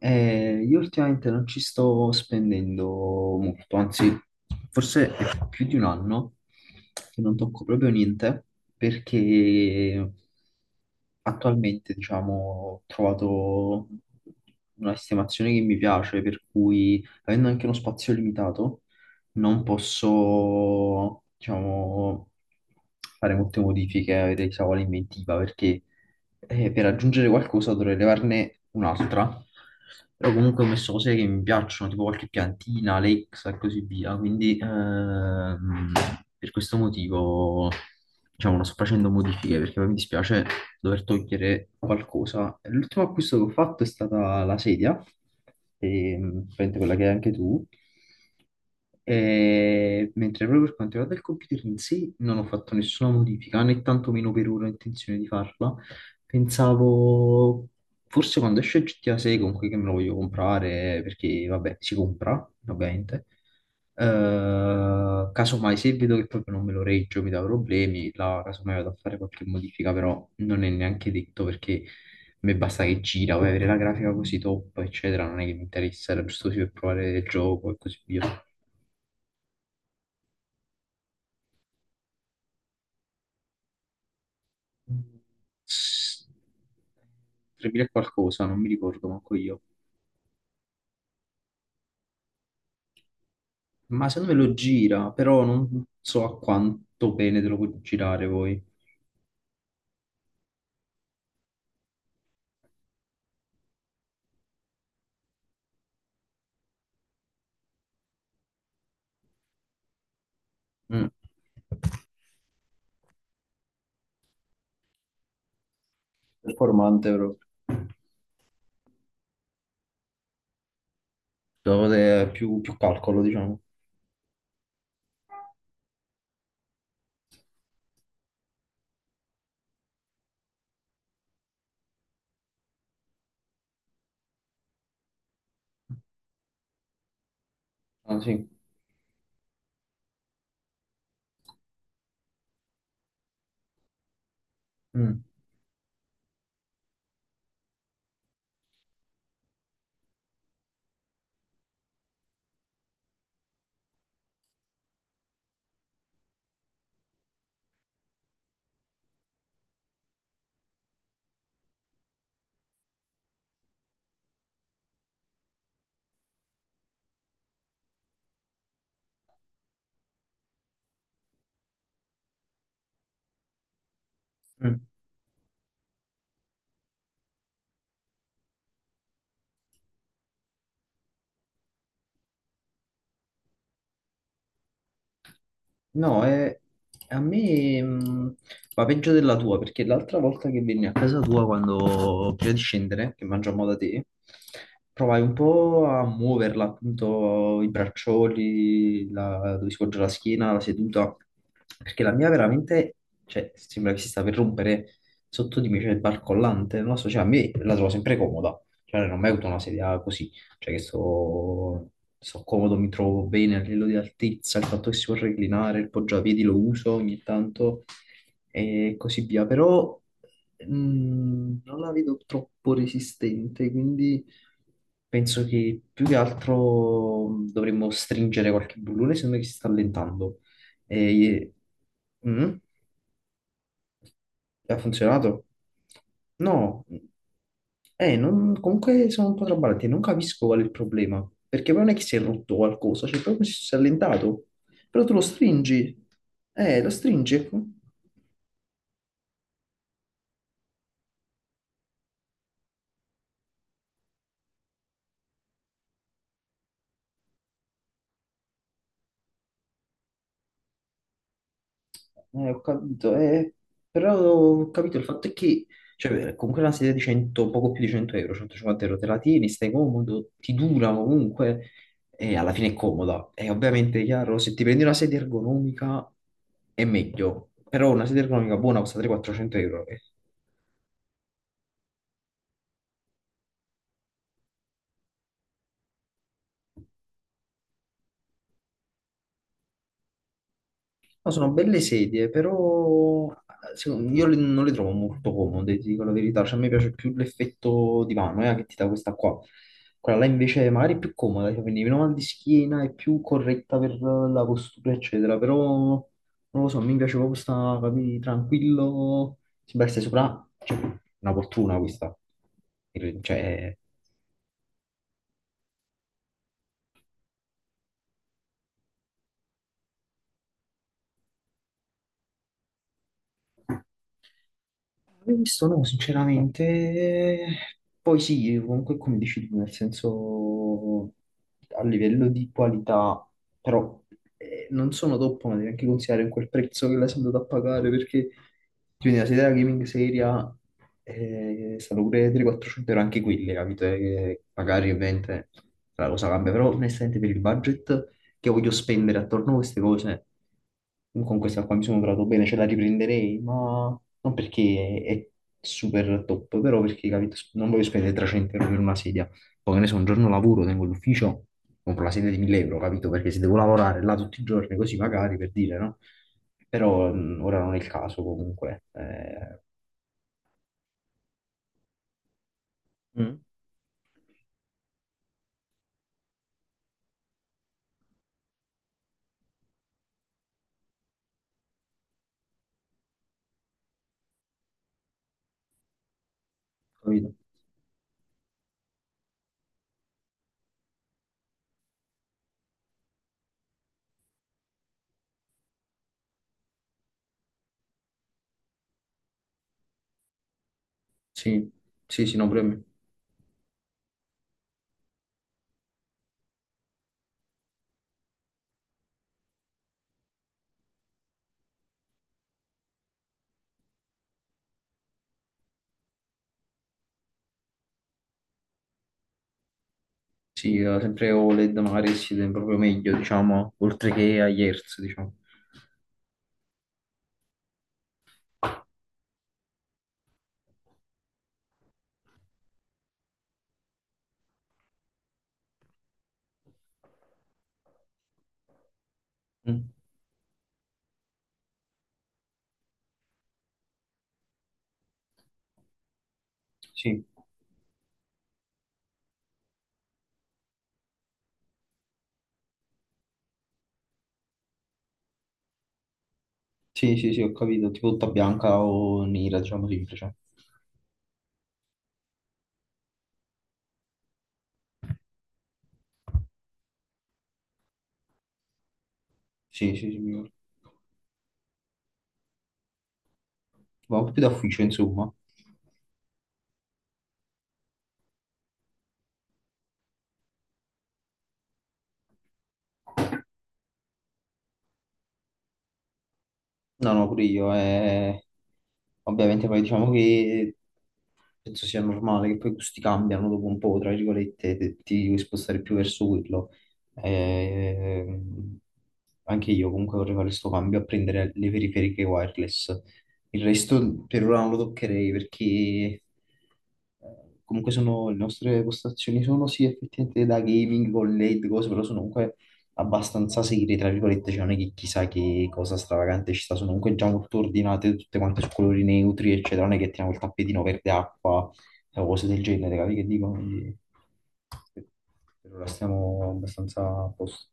Io ultimamente non ci sto spendendo molto, anzi, forse è più di un anno che non tocco proprio niente perché attualmente, diciamo, ho trovato una sistemazione che mi piace, per cui avendo anche uno spazio limitato, non posso, diciamo, fare molte modifiche, avere chissà quale inventiva perché e per aggiungere qualcosa dovrei levarne un'altra. Però comunque ho messo cose che mi piacciono, tipo qualche piantina, Alexa e così via. Quindi per questo motivo, diciamo, non sto facendo modifiche perché poi mi dispiace dover togliere qualcosa. L'ultimo acquisto che ho fatto è stata la sedia, praticamente quella che hai anche tu. E mentre proprio per quanto riguarda il computer in sé non ho fatto nessuna modifica, né tantomeno per ora ho intenzione di farla. Pensavo, forse quando esce GTA 6, comunque, che me lo voglio comprare, perché vabbè, si compra, ovviamente. Casomai se vedo che proprio non me lo reggio, mi dà problemi, là casomai vado a fare qualche modifica, però non è neanche detto perché a me basta che gira, vuoi avere la grafica così top, eccetera, non è che mi interessa, era giusto così per provare il gioco e così via. 3000 e qualcosa, non mi ricordo manco io. Ma secondo me lo gira, però non so a quanto bene te lo puoi girare poi. Mm. Performante però. Devo avere più, più calcolo, diciamo. Ah, sì. Mm. Mm. No. A me va peggio della tua, perché l'altra volta che venni a casa tua, quando prima di scendere, che mangiamo da te, provai un po' a muoverla, appunto, i braccioli, dove si poggia la schiena, la seduta, perché la mia veramente, cioè, sembra che si sta per rompere sotto di me, cioè, è barcollante, non lo so, cioè, a me la trovo sempre comoda, cioè, non ho mai avuto una sedia così, cioè che sto, sto comodo, mi trovo bene a livello di altezza, il fatto che si può reclinare, il poggiapiedi lo uso ogni tanto e così via, però non la vedo troppo resistente, quindi penso che più che altro dovremmo stringere qualche bullone, sembra che si sta allentando. E... Mm? Ha funzionato? No, comunque sono un po' traballante, non capisco qual è il problema, perché poi non è che si è rotto qualcosa, cioè proprio si è allentato, però tu lo stringi, ecco. Ho capito, però ho capito, il fatto è che, cioè, comunque una sedia di 100, poco più di 100€, 150€, te la tieni, stai comodo, ti dura comunque e alla fine è comoda. E ovviamente, chiaro, se ti prendi una sedia ergonomica è meglio, però una sedia ergonomica buona costa 300-400€. Eh. No, sono belle sedie, però io non le trovo molto comode, ti dico la verità. Cioè, a me piace più l'effetto divano, che ti dà questa qua. Quella là invece magari è più comoda, cioè, quindi meno mal di schiena, è più corretta per la postura, eccetera. Però non lo so, mi piace proprio sta, capì, tranquillo. Si stai sopra, cioè, una fortuna questa. Cioè, l'ho visto, no, sinceramente. Poi sì, comunque come dici tu, nel senso a livello di qualità, però non sono top, ma devi anche considerare quel prezzo che l'hai andato a pagare, perché quindi la sedia gaming seria stanno pure 300-400€ anche quelle, capito? Che magari ovviamente la cosa cambia, però onestamente per il budget che voglio spendere attorno a queste cose, con questa qua mi sono trovato bene, ce la riprenderei, ma non perché è super top, però perché, capito, non voglio spendere 300€ per una sedia. Poi, che ne so, un giorno lavoro, tengo l'ufficio, compro la sedia di 1000€, capito? Perché se devo lavorare là tutti i giorni, così magari, per dire, no? Però ora non è il caso, comunque. Eh. Mm. Capito? Sì, sì, sì, no, pure a me. Sì, sempre OLED magari si vede proprio meglio, diciamo, oltre che a Hertz, diciamo. Mm. Sì, sì, sì, sì, ho capito, tipo tutta bianca o nera, diciamo semplice. Sì, sì, sì, mi ricordo. Ma un po' più da ufficio, insomma. No, no, pure io. Ovviamente poi diciamo che penso sia normale che poi i gusti cambiano dopo un po', tra virgolette, ti devi spostare più verso quello. Ehm, Anche io comunque vorrei fare questo cambio a prendere le periferiche wireless. Il resto per ora non lo toccherei perché comunque sono, le nostre postazioni sono sì effettivamente da gaming con LED, cose, però sono comunque abbastanza serie, tra virgolette, cioè non è che chissà che cosa stravagante ci sta, sono comunque già molto ordinate, tutte quante su colori neutri, eccetera, non è che tiriamo il tappetino verde acqua o cose del genere, capi che dico? Quindi, per ora stiamo abbastanza a posto.